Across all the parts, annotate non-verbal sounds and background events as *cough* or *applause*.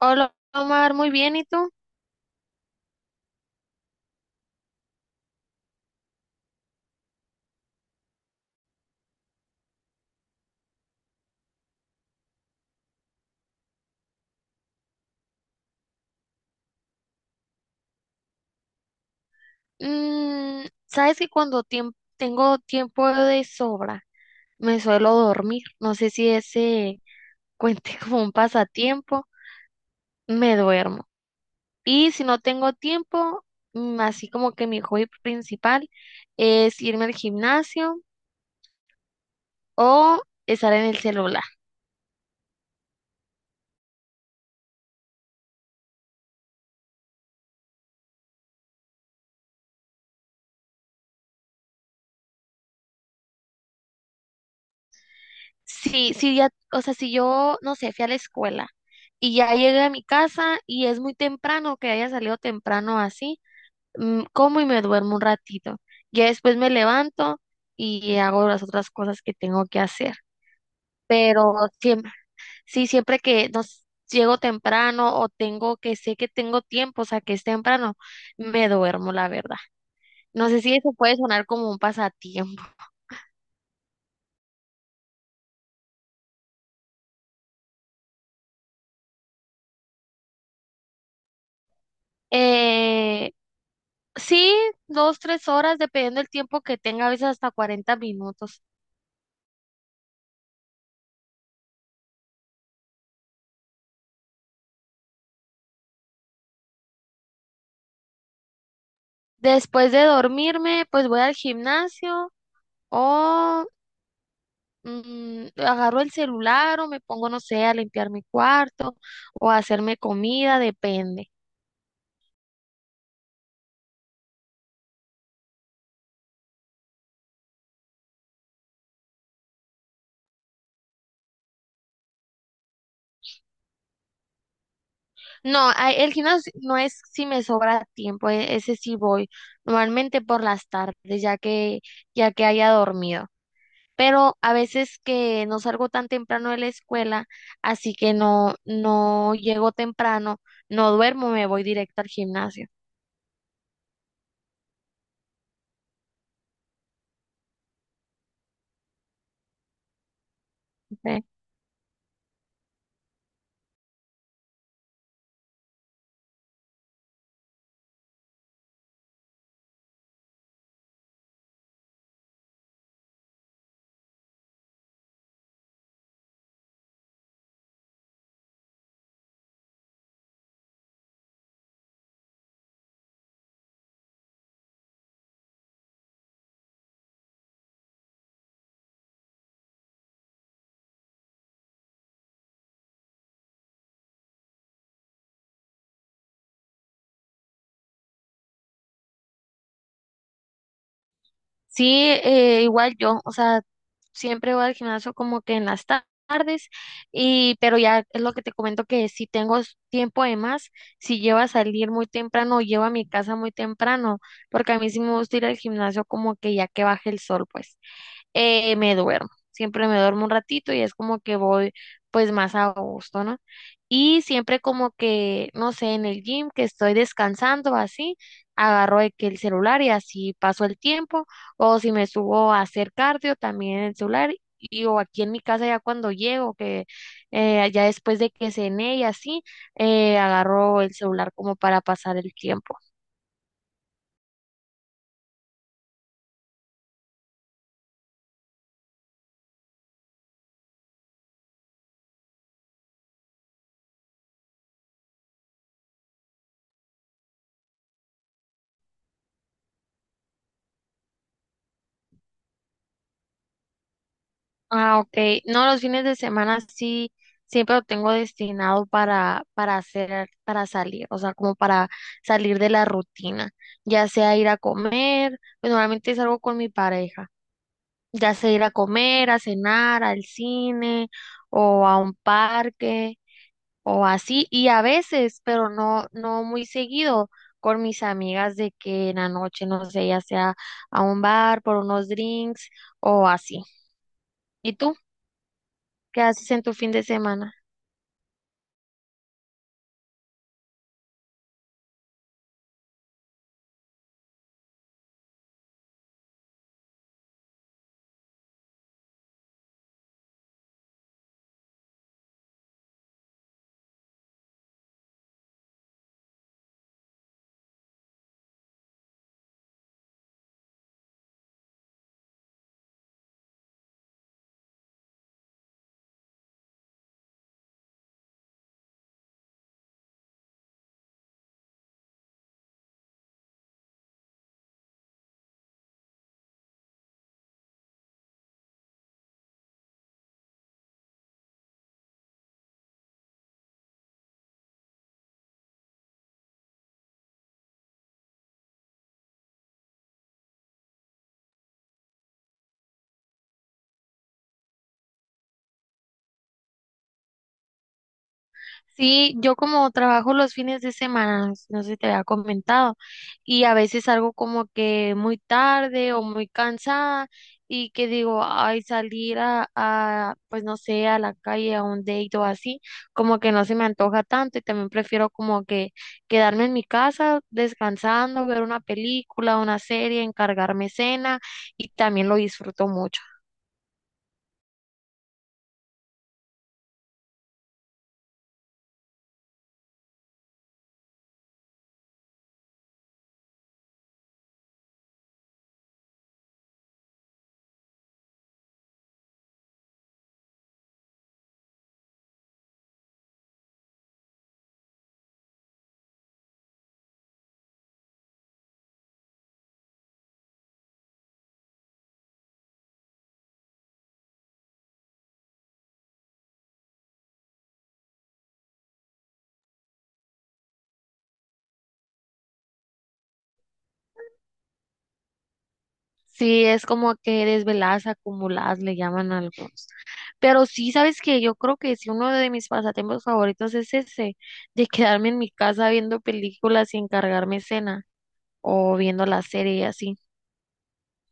Hola Omar, muy bien, ¿y tú? Mm, sabes que cuando tengo tiempo de sobra, me suelo dormir. No sé si ese cuente *laughs* como un pasatiempo, me duermo. Y si no tengo tiempo, así como que mi hobby principal es irme al gimnasio o estar en el celular. Sí, sí, ya, o sea, si yo, no sé, fui a la escuela y ya llegué a mi casa y es muy temprano, que haya salido temprano así. Como y me duermo un ratito. Ya después me levanto y hago las otras cosas que tengo que hacer. Pero siempre, sí, siempre que nos llego temprano o tengo que sé que tengo tiempo, o sea, que es temprano, me duermo, la verdad. No sé si eso puede sonar como un pasatiempo. *laughs* Eh, sí, dos, 3 horas, dependiendo del tiempo que tenga, a veces hasta 40 minutos. Después de dormirme, pues voy al gimnasio o agarro el celular o me pongo, no sé, a limpiar mi cuarto o a hacerme comida, depende. No, el gimnasio no es si me sobra tiempo, ese sí voy, normalmente por las tardes, ya que haya dormido. Pero a veces que no salgo tan temprano de la escuela, así que no, no llego temprano, no duermo, me voy directo al gimnasio. Sí, igual yo, o sea, siempre voy al gimnasio como que en las tardes y pero ya es lo que te comento que si tengo tiempo de más, si llevo a salir muy temprano o llevo a mi casa muy temprano, porque a mí sí me gusta ir al gimnasio como que ya que baje el sol, pues me duermo. Siempre me duermo un ratito y es como que voy pues más a gusto, ¿no? Y siempre como que, no sé, en el gym que estoy descansando así, agarro de que el celular y así paso el tiempo, o si me subo a hacer cardio también en el celular, y o aquí en mi casa ya cuando llego, que ya después de que cené y así, agarro el celular como para pasar el tiempo. Ah, ok. No, los fines de semana sí, siempre lo tengo destinado para hacer, para salir, o sea, como para salir de la rutina, ya sea ir a comer, pues normalmente salgo con mi pareja, ya sea ir a comer, a cenar, al cine o a un parque o así, y a veces, pero no, no muy seguido, con mis amigas de que en la noche, no sé, ya sea a un bar por unos drinks o así. ¿Y tú? ¿Qué haces en tu fin de semana? Sí, yo como trabajo los fines de semana, no sé si te había comentado, y a veces salgo como que muy tarde o muy cansada y que digo, ay, salir a, pues no sé, a la calle, a un date o así, como que no se me antoja tanto y también prefiero como que quedarme en mi casa descansando, ver una película, una serie, encargarme cena y también lo disfruto mucho. Sí, es como que desveladas acumuladas le llaman algo. Pero sí, sabes que yo creo que sí, uno de mis pasatiempos favoritos es ese, de quedarme en mi casa viendo películas y encargarme cena o viendo la serie y así.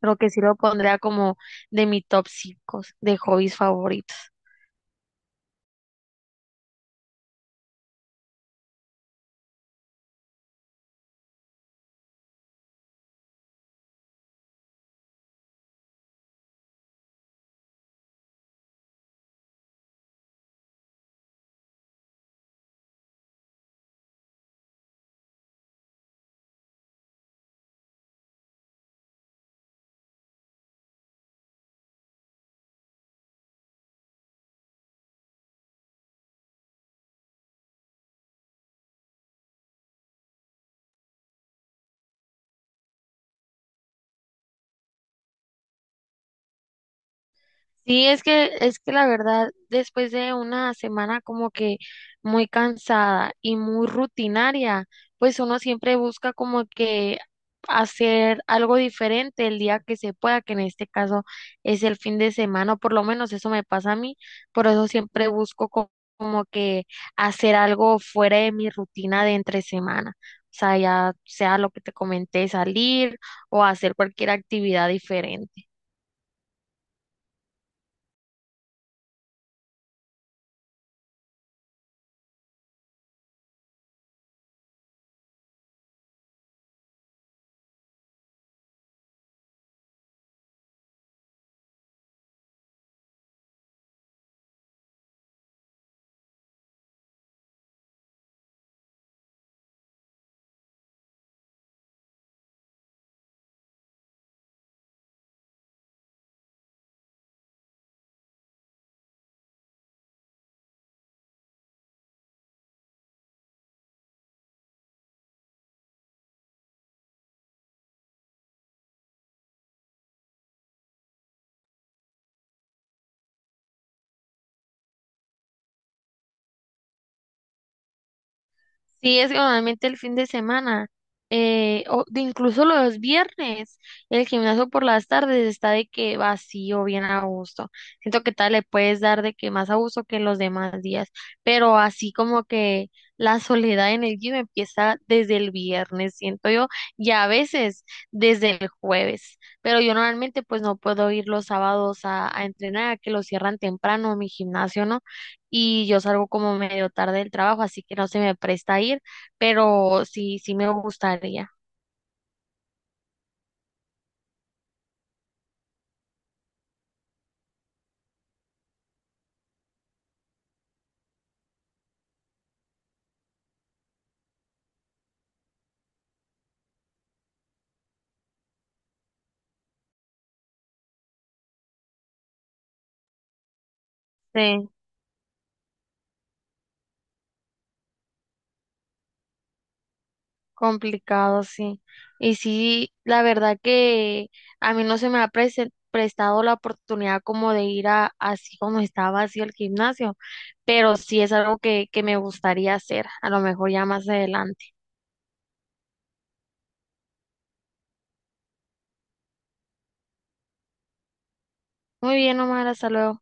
Creo que sí lo pondría como de mi top 5 de hobbies favoritos. Sí, es que la verdad, después de una semana como que muy cansada y muy rutinaria, pues uno siempre busca como que hacer algo diferente el día que se pueda, que en este caso es el fin de semana, o por lo menos eso me pasa a mí, por eso siempre busco como que hacer algo fuera de mi rutina de entre semana. O sea, ya sea lo que te comenté, salir o hacer cualquier actividad diferente. Sí, es que normalmente el fin de semana, o de incluso los viernes, el gimnasio por las tardes está de que vacío, bien a gusto. Siento que tal le puedes dar de que más a gusto que los demás días, pero así como que la soledad en el gym empieza desde el viernes, siento yo, y a veces desde el jueves. Pero yo normalmente pues no puedo ir los sábados a entrenar, que lo cierran temprano mi gimnasio, ¿no? Y yo salgo como medio tarde del trabajo, así que no se me presta ir, pero sí, sí me gustaría. Sí, complicado, sí. Y sí, la verdad que a mí no se me ha prestado la oportunidad como de ir a así como estaba así el gimnasio, pero sí es algo que me gustaría hacer, a lo mejor ya más adelante. Muy bien, Omar, hasta luego.